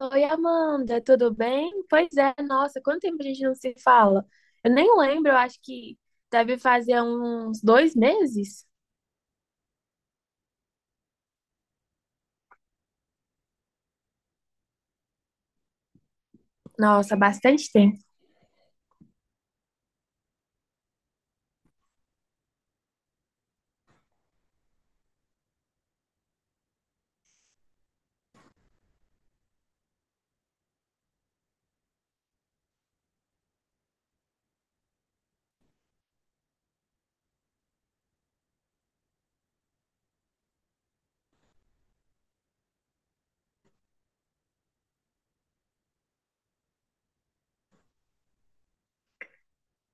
Oi, Amanda, tudo bem? Pois é, nossa, quanto tempo a gente não se fala? Eu nem lembro, eu acho que deve fazer uns dois meses. Nossa, bastante tempo.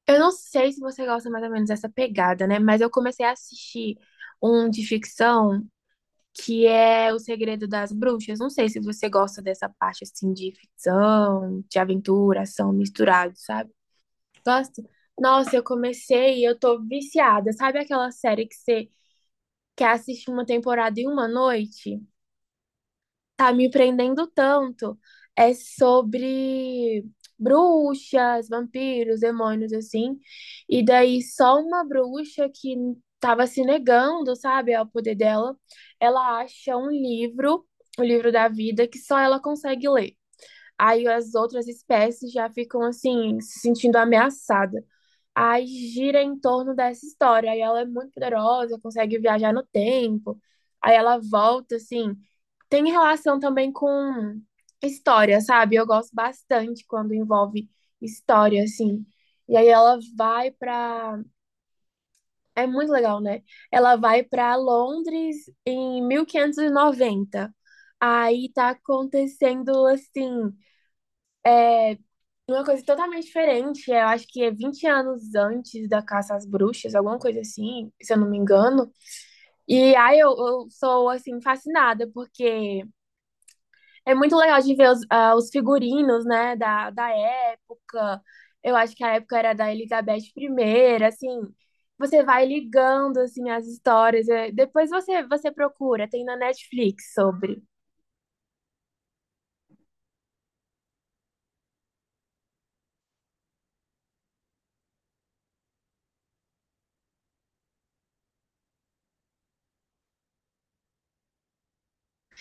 Eu não sei se você gosta mais ou menos dessa pegada, né? Mas eu comecei a assistir um de ficção que é O Segredo das Bruxas. Não sei se você gosta dessa parte assim de ficção, de aventura, ação misturado, sabe? Gosta? Nossa, eu comecei e eu tô viciada. Sabe aquela série que você que assiste uma temporada em uma noite, tá me prendendo tanto. É sobre bruxas, vampiros, demônios, assim. E daí só uma bruxa que tava se negando, sabe, ao poder dela, ela acha um livro, o livro da vida, que só ela consegue ler. Aí as outras espécies já ficam assim, se sentindo ameaçadas. Aí gira em torno dessa história. Aí ela é muito poderosa, consegue viajar no tempo. Aí ela volta, assim. Tem relação também com história, sabe? Eu gosto bastante quando envolve história, assim. E aí ela vai pra. É muito legal, né? Ela vai pra Londres em 1590. Aí tá acontecendo, assim, uma coisa totalmente diferente, eu acho que é 20 anos antes da Caça às Bruxas, alguma coisa assim, se eu não me engano. E aí eu sou, assim, fascinada, porque é muito legal de ver os, os figurinos, né, da época. Eu acho que a época era da Elizabeth primeira assim, você vai ligando, assim, as histórias. Depois você procura, tem na Netflix sobre.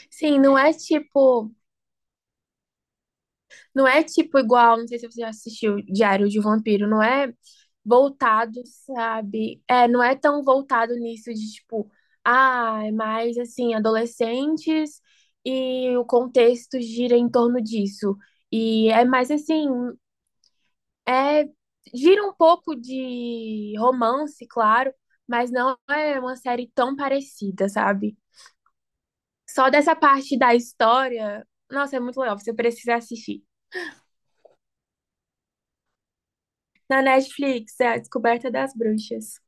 Sim, não é tipo Não é tipo igual, não sei se você já assistiu Diário de um Vampiro, não é voltado, sabe? É, não é tão voltado nisso de tipo, é mais assim, adolescentes e o contexto gira em torno disso. E é mais assim, é gira um pouco de romance, claro, mas não é uma série tão parecida, sabe? Só dessa parte da história, nossa, é muito legal, você precisa assistir. Na Netflix, é a Descoberta das Bruxas.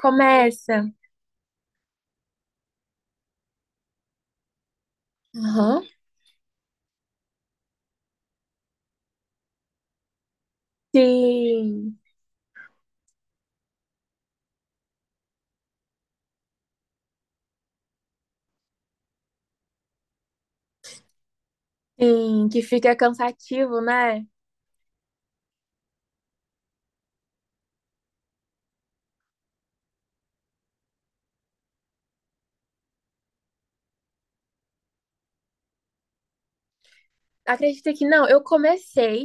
Começa. Aham. Sim, sim, que fica cansativo, né? Acredita que não, eu comecei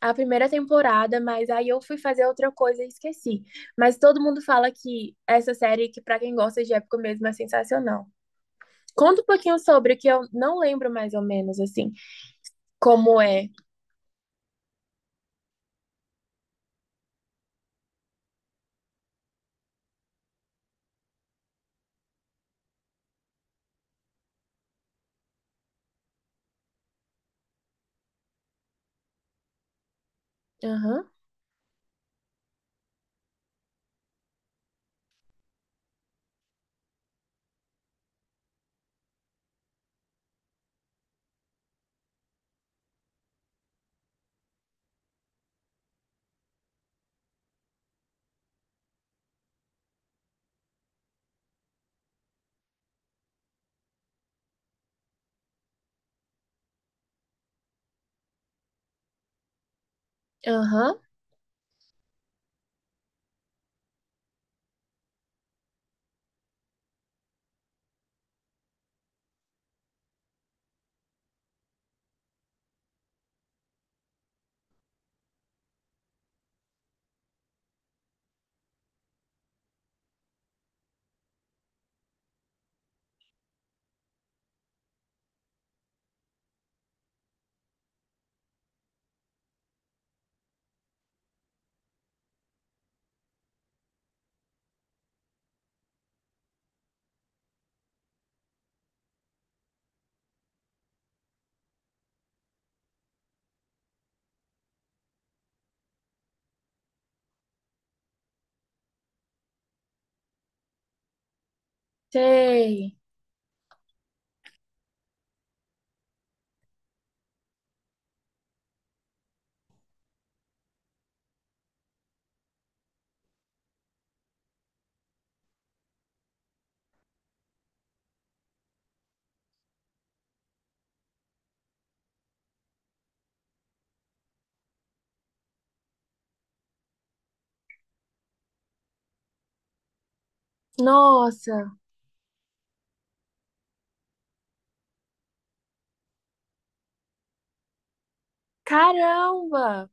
a primeira temporada, mas aí eu fui fazer outra coisa e esqueci. Mas todo mundo fala que essa série, que pra quem gosta de época mesmo, é sensacional. Conta um pouquinho sobre, que eu não lembro mais ou menos, assim, como é. Aham, aham, sei. Nossa, caramba!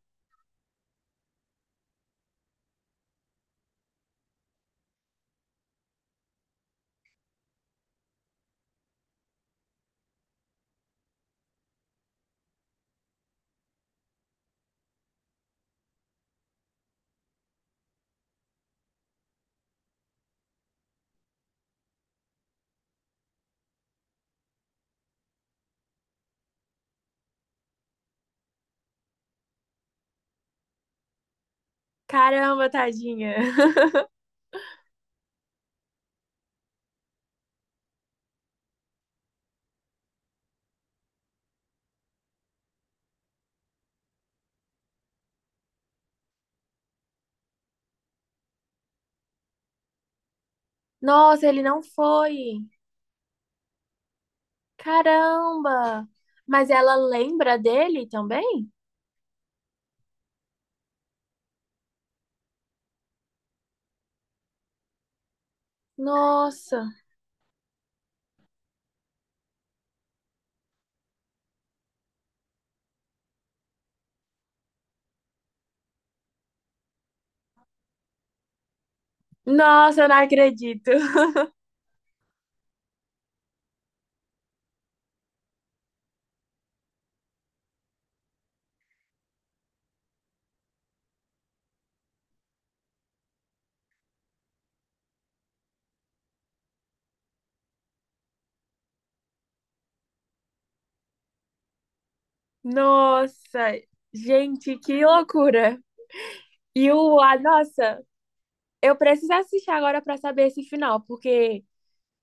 Caramba, tadinha. Nossa, ele não foi. Caramba. Mas ela lembra dele também? Nossa. Nossa, eu não acredito. Nossa. Gente, que loucura. E o, a, nossa, eu preciso assistir agora pra saber esse final, porque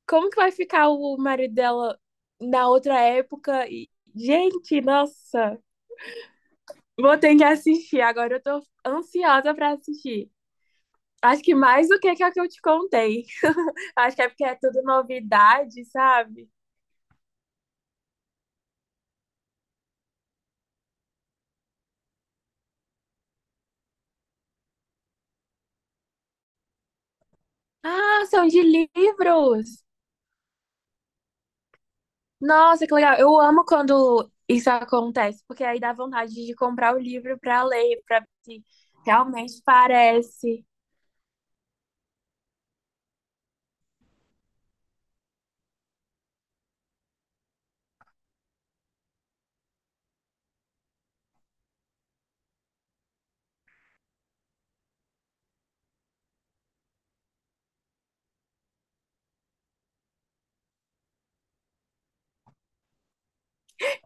como que vai ficar o marido dela na outra época? E, gente, nossa. Vou ter que assistir. Agora eu tô ansiosa pra assistir. Acho que mais do que é que eu te contei. Acho que é porque é tudo novidade, sabe? Ah, são de livros! Nossa, que legal. Eu amo quando isso acontece, porque aí dá vontade de comprar o livro para ler, para ver se realmente parece.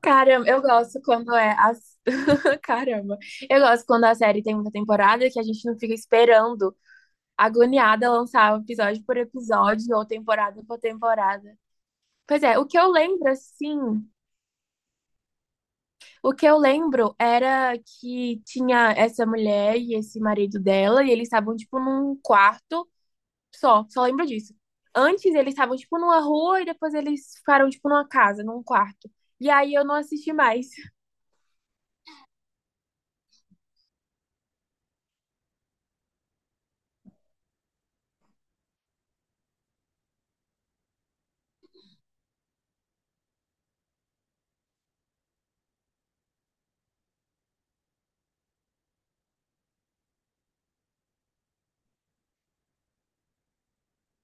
Caramba, eu gosto quando é as... Caramba. Eu gosto quando a série tem muita temporada que a gente não fica esperando, agoniada, lançar episódio por episódio ou temporada por temporada. Pois é, o que eu lembro, assim, o que eu lembro era que tinha essa mulher e esse marido dela, e eles estavam, tipo, num quarto só. Só lembro disso. Antes eles estavam, tipo, numa rua e depois eles ficaram, tipo, numa casa, num quarto. E aí eu não assisti mais.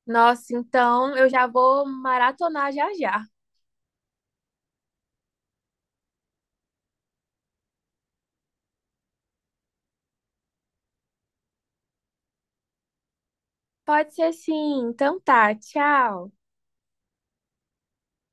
Nossa, então eu já vou maratonar já já. Pode ser sim. Então tá, tchau.